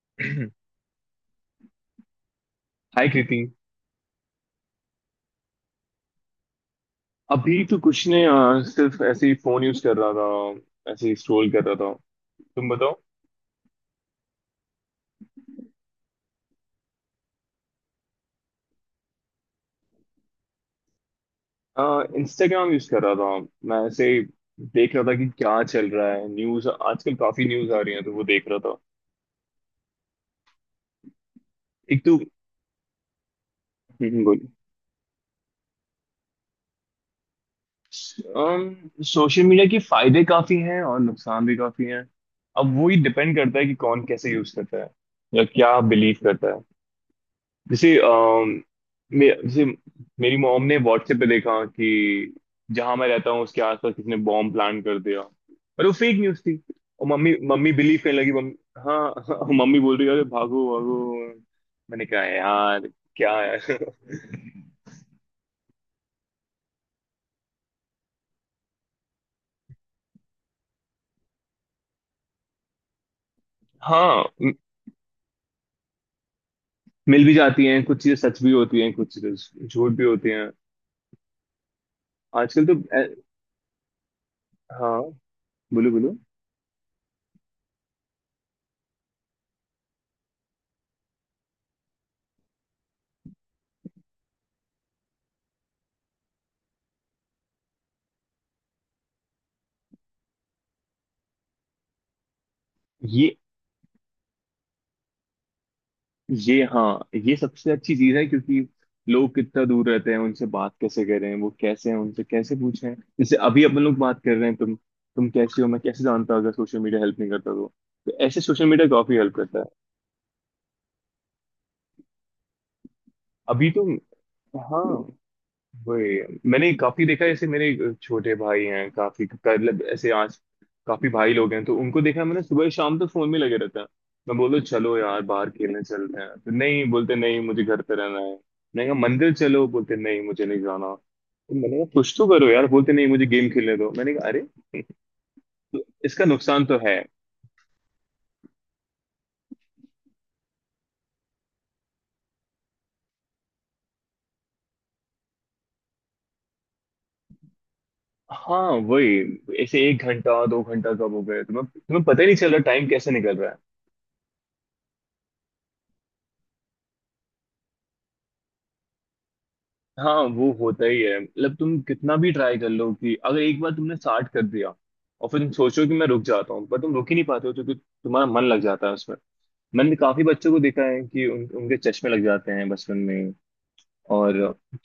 हाय कृति। अभी तो कुछ नहीं सिर्फ ऐसे ही फोन यूज कर रहा था, ऐसे ही स्क्रॉल कर रहा था। तुम बताओ। इंस्टाग्राम यूज कर रहा था, मैं ऐसे ही देख रहा था कि क्या चल रहा है। न्यूज आजकल काफी न्यूज आ रही है तो वो देख रहा था। एक तो बोलो। सोशल मीडिया के फायदे काफी हैं और नुकसान भी काफी हैं। अब वो ही डिपेंड करता है कि कौन कैसे यूज करता है या क्या बिलीव करता है। जैसे जैसे मेरी मॉम ने व्हाट्सएप पे देखा कि जहां मैं रहता हूँ उसके आसपास किसी ने बॉम्ब प्लान कर दिया, पर वो फेक न्यूज थी। और मम्मी मम्मी बिलीव करने लगी। मम्मी, हाँ हाँ, मम्मी बोल रही है अरे भागो भागो। मैंने कहा यार क्या है। हाँ म- मिल भी जाती हैं, कुछ चीजें सच भी होती हैं, कुछ चीजें झूठ भी होती हैं आजकल तो। ए- हाँ, बोलो बोलो। ये ये हाँ, ये सबसे अच्छी चीज है क्योंकि लोग कितना दूर रहते हैं, उनसे बात कैसे करें, वो कैसे हैं उनसे कैसे पूछें। जैसे अभी अपन लोग बात कर रहे हैं, तुम कैसे हो मैं कैसे जानता अगर सोशल मीडिया हेल्प नहीं करता तो ऐसे सोशल मीडिया काफी हेल्प करता है। अभी तो हाँ वही। मैंने काफी देखा है, जैसे मेरे छोटे भाई हैं, काफी मतलब ऐसे आज काफी भाई लोग हैं तो उनको देखा है मैंने, सुबह शाम तक फोन में लगे रहते हैं। मैं बोलो चलो यार बाहर खेलने चलते हैं तो नहीं बोलते, नहीं मुझे घर पे रहना है। मैंने कहा मंदिर चलो, बोलते नहीं मुझे नहीं जाना। तो मैंने कहा कुछ तो करो यार, बोलते नहीं मुझे गेम खेलने दो। मैंने कहा अरे। तो इसका नुकसान तो है। हाँ वही, ऐसे एक घंटा दो घंटा कब हो गए तुम्हें तुम्हें पता ही नहीं चल रहा टाइम कैसे निकल रहा है। हाँ वो होता ही है, मतलब तुम कितना भी ट्राई कर लो कि अगर एक बार तुमने स्टार्ट कर दिया और फिर तुम सोचो कि मैं रुक जाता हूँ पर तुम रुक ही नहीं पाते हो क्योंकि तुम्हारा मन लग जाता है उसमें। मैंने काफी बच्चों को देखा है कि उनके चश्मे लग जाते हैं बचपन में। और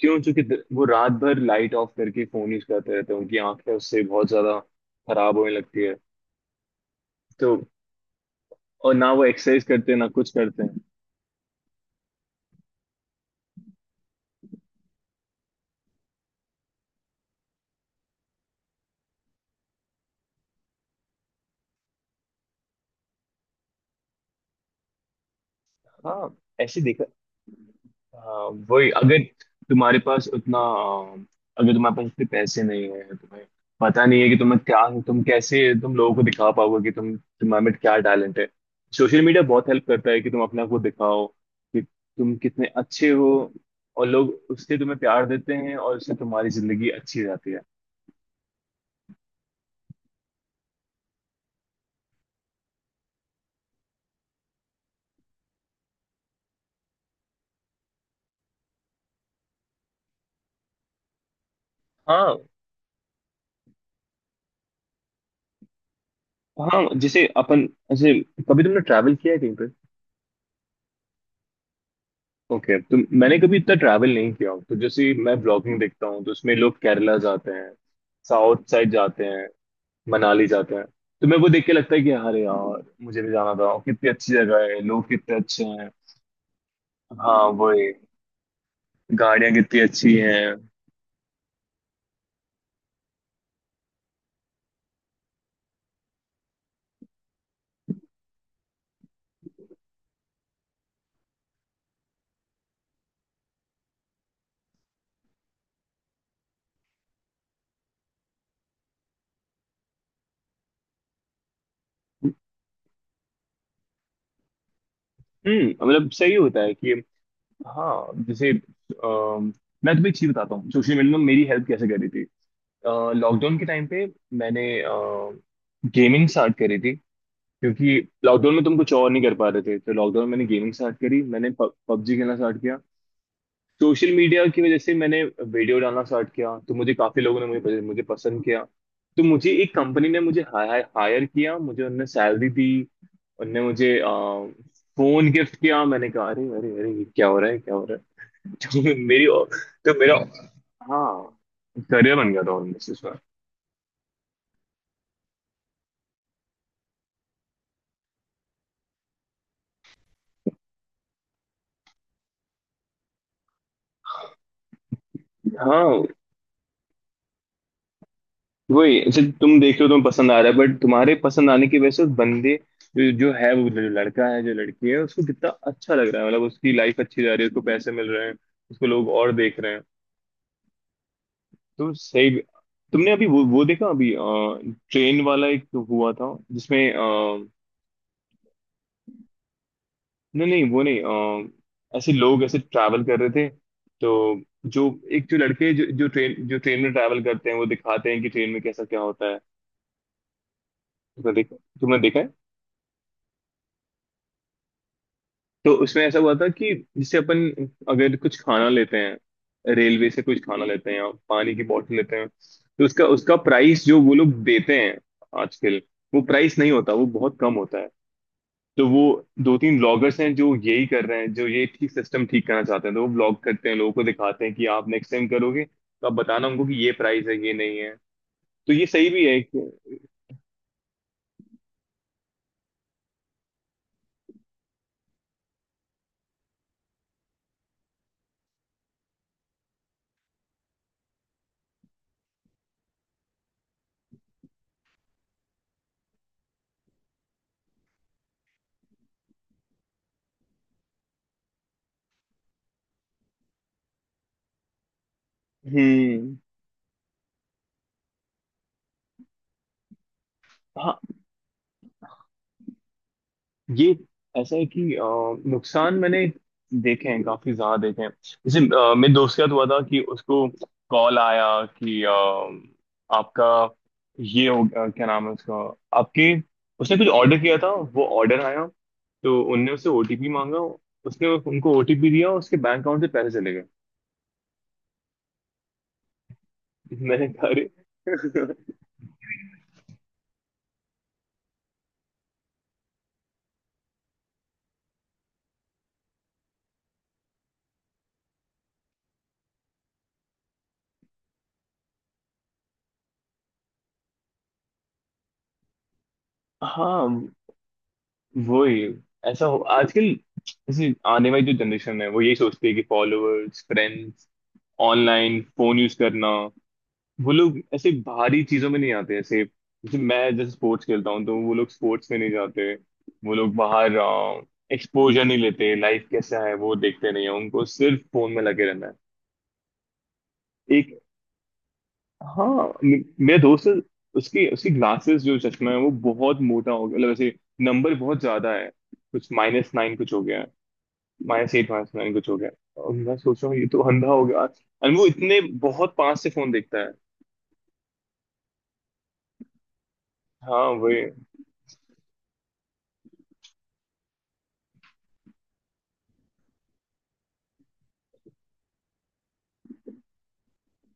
क्यों, चूंकि वो रात भर लाइट ऑफ करके फोन यूज करते रहते हैं, उनकी आंखें उससे बहुत ज्यादा खराब होने लगती है। तो और ना वो एक्सरसाइज करते हैं ना कुछ करते हैं। हाँ ऐसे देखा। हाँ, वही अगर तुम्हारे पास उतना, अगर तुम्हारे पास उतने पैसे नहीं है, तुम्हें पता नहीं है कि तुम्हें क्या, तुम कैसे तुम लोगों को दिखा पाओगे कि तुम तुम्हारे में क्या टैलेंट है। सोशल मीडिया बहुत हेल्प करता है कि तुम अपने आप को दिखाओ कि तुम कितने अच्छे हो। और लोग उससे तुम्हें प्यार देते हैं और उससे तुम्हारी जिंदगी अच्छी जाती है। हाँ, हाँ जैसे अपन, जैसे कभी तुमने ट्रैवल किया है कहीं। ओके, तो मैंने कभी इतना ट्रैवल नहीं किया तो जैसे मैं ब्लॉगिंग देखता हूँ तो उसमें लोग केरला जाते हैं, साउथ साइड जाते हैं, मनाली जाते हैं। तो मैं वो देख के लगता है कि अरे यार मुझे भी जाना था, कितनी अच्छी जगह है, लोग कितने अच्छे हैं। हाँ वो गाड़ियाँ कितनी अच्छी हैं। मतलब सही होता है कि हाँ जैसे अम, मैं तुम्हें एक चीज बताता हूँ, सोशल मीडिया ने मेरी हेल्प कैसे करी थी। लॉकडाउन के टाइम पे मैंने गेमिंग स्टार्ट करी थी, क्योंकि लॉकडाउन में तुम कुछ और नहीं कर पा रहे थे तो लॉकडाउन में मैंने गेमिंग स्टार्ट करी, मैंने पबजी खेलना स्टार्ट किया। सोशल मीडिया की वजह से मैंने वीडियो डालना स्टार्ट किया तो मुझे काफी लोगों ने मुझे मुझे पसंद किया। तो मुझे एक कंपनी ने मुझे हायर किया, मुझे उनने सैलरी दी, उनने मुझे फोन गिफ्ट किया। मैंने कहा अरे अरे अरे ये क्या हो रहा है क्या हो रहा है। तो मेरी, तो मेरा हाँ करियर बन गया था ऑलमोस्ट इस बार। हाँ वही, ऐसे तुम देख रहे हो, तुम्हें पसंद आ रहा है बट तुम्हारे पसंद आने की वजह से उस बंदे जो है वो, जो लड़का है जो लड़की है उसको कितना अच्छा लग रहा है, मतलब उसकी लाइफ अच्छी जा रही है, उसको पैसे मिल रहे हैं, उसको लोग और देख रहे हैं। तो सही भी- तुमने अभी वो देखा अभी, ट्रेन वाला एक हुआ था जिसमें नहीं नहीं वो नहीं। ऐसे लोग ऐसे ट्रैवल कर रहे थे तो जो एक, जो लड़के जो जो ट्रेन, जो ट्रेन में ट्रैवल करते हैं वो दिखाते हैं कि ट्रेन में कैसा क्या होता है। तुमने देखा, तुमने देखा है। तो उसमें ऐसा हुआ था कि जैसे अपन अगर कुछ खाना लेते हैं, रेलवे से कुछ खाना लेते हैं या पानी की बोतल लेते हैं तो उसका उसका प्राइस जो वो लोग देते हैं आजकल, वो प्राइस नहीं होता, वो बहुत कम होता है। तो वो दो तीन ब्लॉगर्स हैं जो यही कर रहे हैं, जो ये ठीक सिस्टम ठीक करना चाहते हैं तो वो ब्लॉग करते हैं, लोगों को दिखाते हैं कि आप नेक्स्ट टाइम करोगे तो आप बताना उनको कि ये प्राइस है ये नहीं है। तो ये सही भी है कि- हम्म हाँ, ये ऐसा है कि नुकसान मैंने देखे हैं, काफी ज्यादा देखे हैं। जैसे मेरे दोस्त के साथ हुआ था कि उसको कॉल आया कि आपका ये हो क्या नाम है उसका, आपके, उसने कुछ ऑर्डर किया था वो ऑर्डर आया तो उनने उससे ओटीपी मांगा। उसने उनको ओटीपी दिया और उसके बैंक अकाउंट से पैसे चले गए। मैंने कहा अरे। हाँ वही, ऐसा हो आजकल। जैसे आने वाली जो जनरेशन है वो यही सोचती है कि followers, friends, online phone use करना। वो लोग ऐसे बाहरी चीजों में नहीं आते, ऐसे जैसे मैं, जैसे स्पोर्ट्स खेलता हूँ तो वो लोग स्पोर्ट्स में नहीं जाते। वो लोग बाहर एक्सपोजर नहीं लेते, लाइफ कैसा है वो देखते नहीं है, उनको सिर्फ फोन में लगे रहना है। एक हाँ मेरा दोस्त है, उसकी उसकी ग्लासेस जो चश्मा है वो बहुत मोटा हो गया, मतलब ऐसे नंबर बहुत ज्यादा है, कुछ माइनस नाइन कुछ हो गया है। माया से एडवांस मैंने कुछ हो गया। और मैं सोच रहा हूँ ये तो अंधा हो गया, और वो इतने बहुत पास से फोन देखता है। हाँ वही।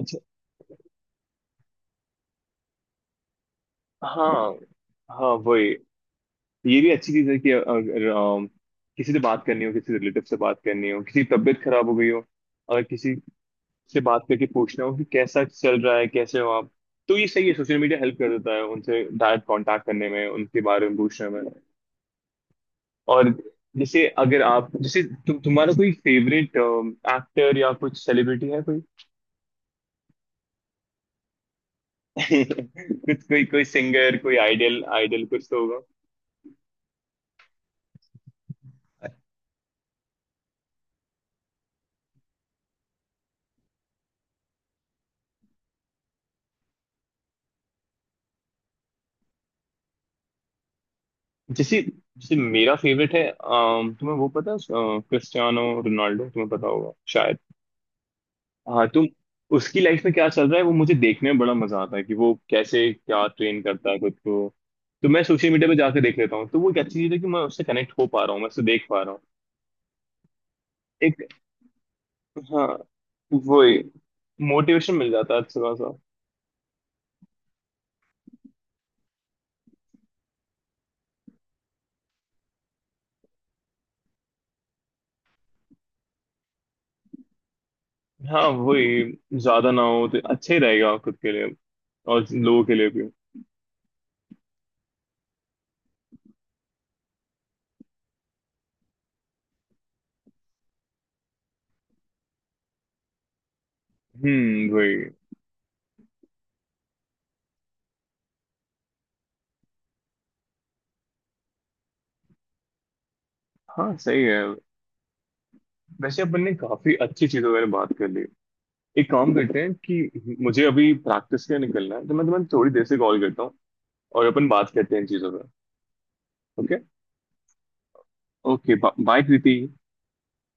अच्छा, हाँ हाँ वही, ये भी अच्छी चीज है कि अगर किसी से बात करनी हो, किसी रिलेटिव से बात करनी हो, किसी की तबीयत खराब हो गई हो, अगर किसी से बात करके पूछना हो कि कैसा चल रहा है कैसे हो आप, तो ये सही है सोशल मीडिया हेल्प कर देता है उनसे डायरेक्ट कांटेक्ट करने में, उनके बारे में पूछने में। और जैसे अगर आप जैसे तुम्हारा कोई फेवरेट एक्टर या कुछ सेलिब्रिटी है कोई। कुछ कोई, कोई सिंगर, कोई आइडल आइडल कुछ तो होगा। जैसे जैसे मेरा फेवरेट है तुम्हें वो पता है, क्रिस्टियानो रोनाल्डो तुम्हें पता होगा शायद। हाँ तुम, उसकी लाइफ में क्या चल रहा है वो मुझे देखने में बड़ा मजा आता है कि वो कैसे क्या ट्रेन करता है खुद को। तो मैं सोशल मीडिया पे जाके देख लेता हूँ, तो वो एक अच्छी चीज है कि मैं उससे कनेक्ट हो पा रहा हूँ, मैं उससे देख पा रहा हूँ। हाँ वही, मोटिवेशन मिल जाता है अच्छा खासा। हाँ वही, ज्यादा ना हो तो अच्छा ही रहेगा खुद के लिए और लोगों के लिए भी। वही। हाँ सही है, वैसे अपन ने काफी अच्छी चीजों पर बात कर ली। एक काम करते हैं कि मुझे अभी प्रैक्टिस के लिए निकलना है तो मैं तुम्हें थोड़ी देर से कॉल करता हूँ और अपन बात करते हैं इन चीजों पर। ओके। ओके, बाय प्रीति।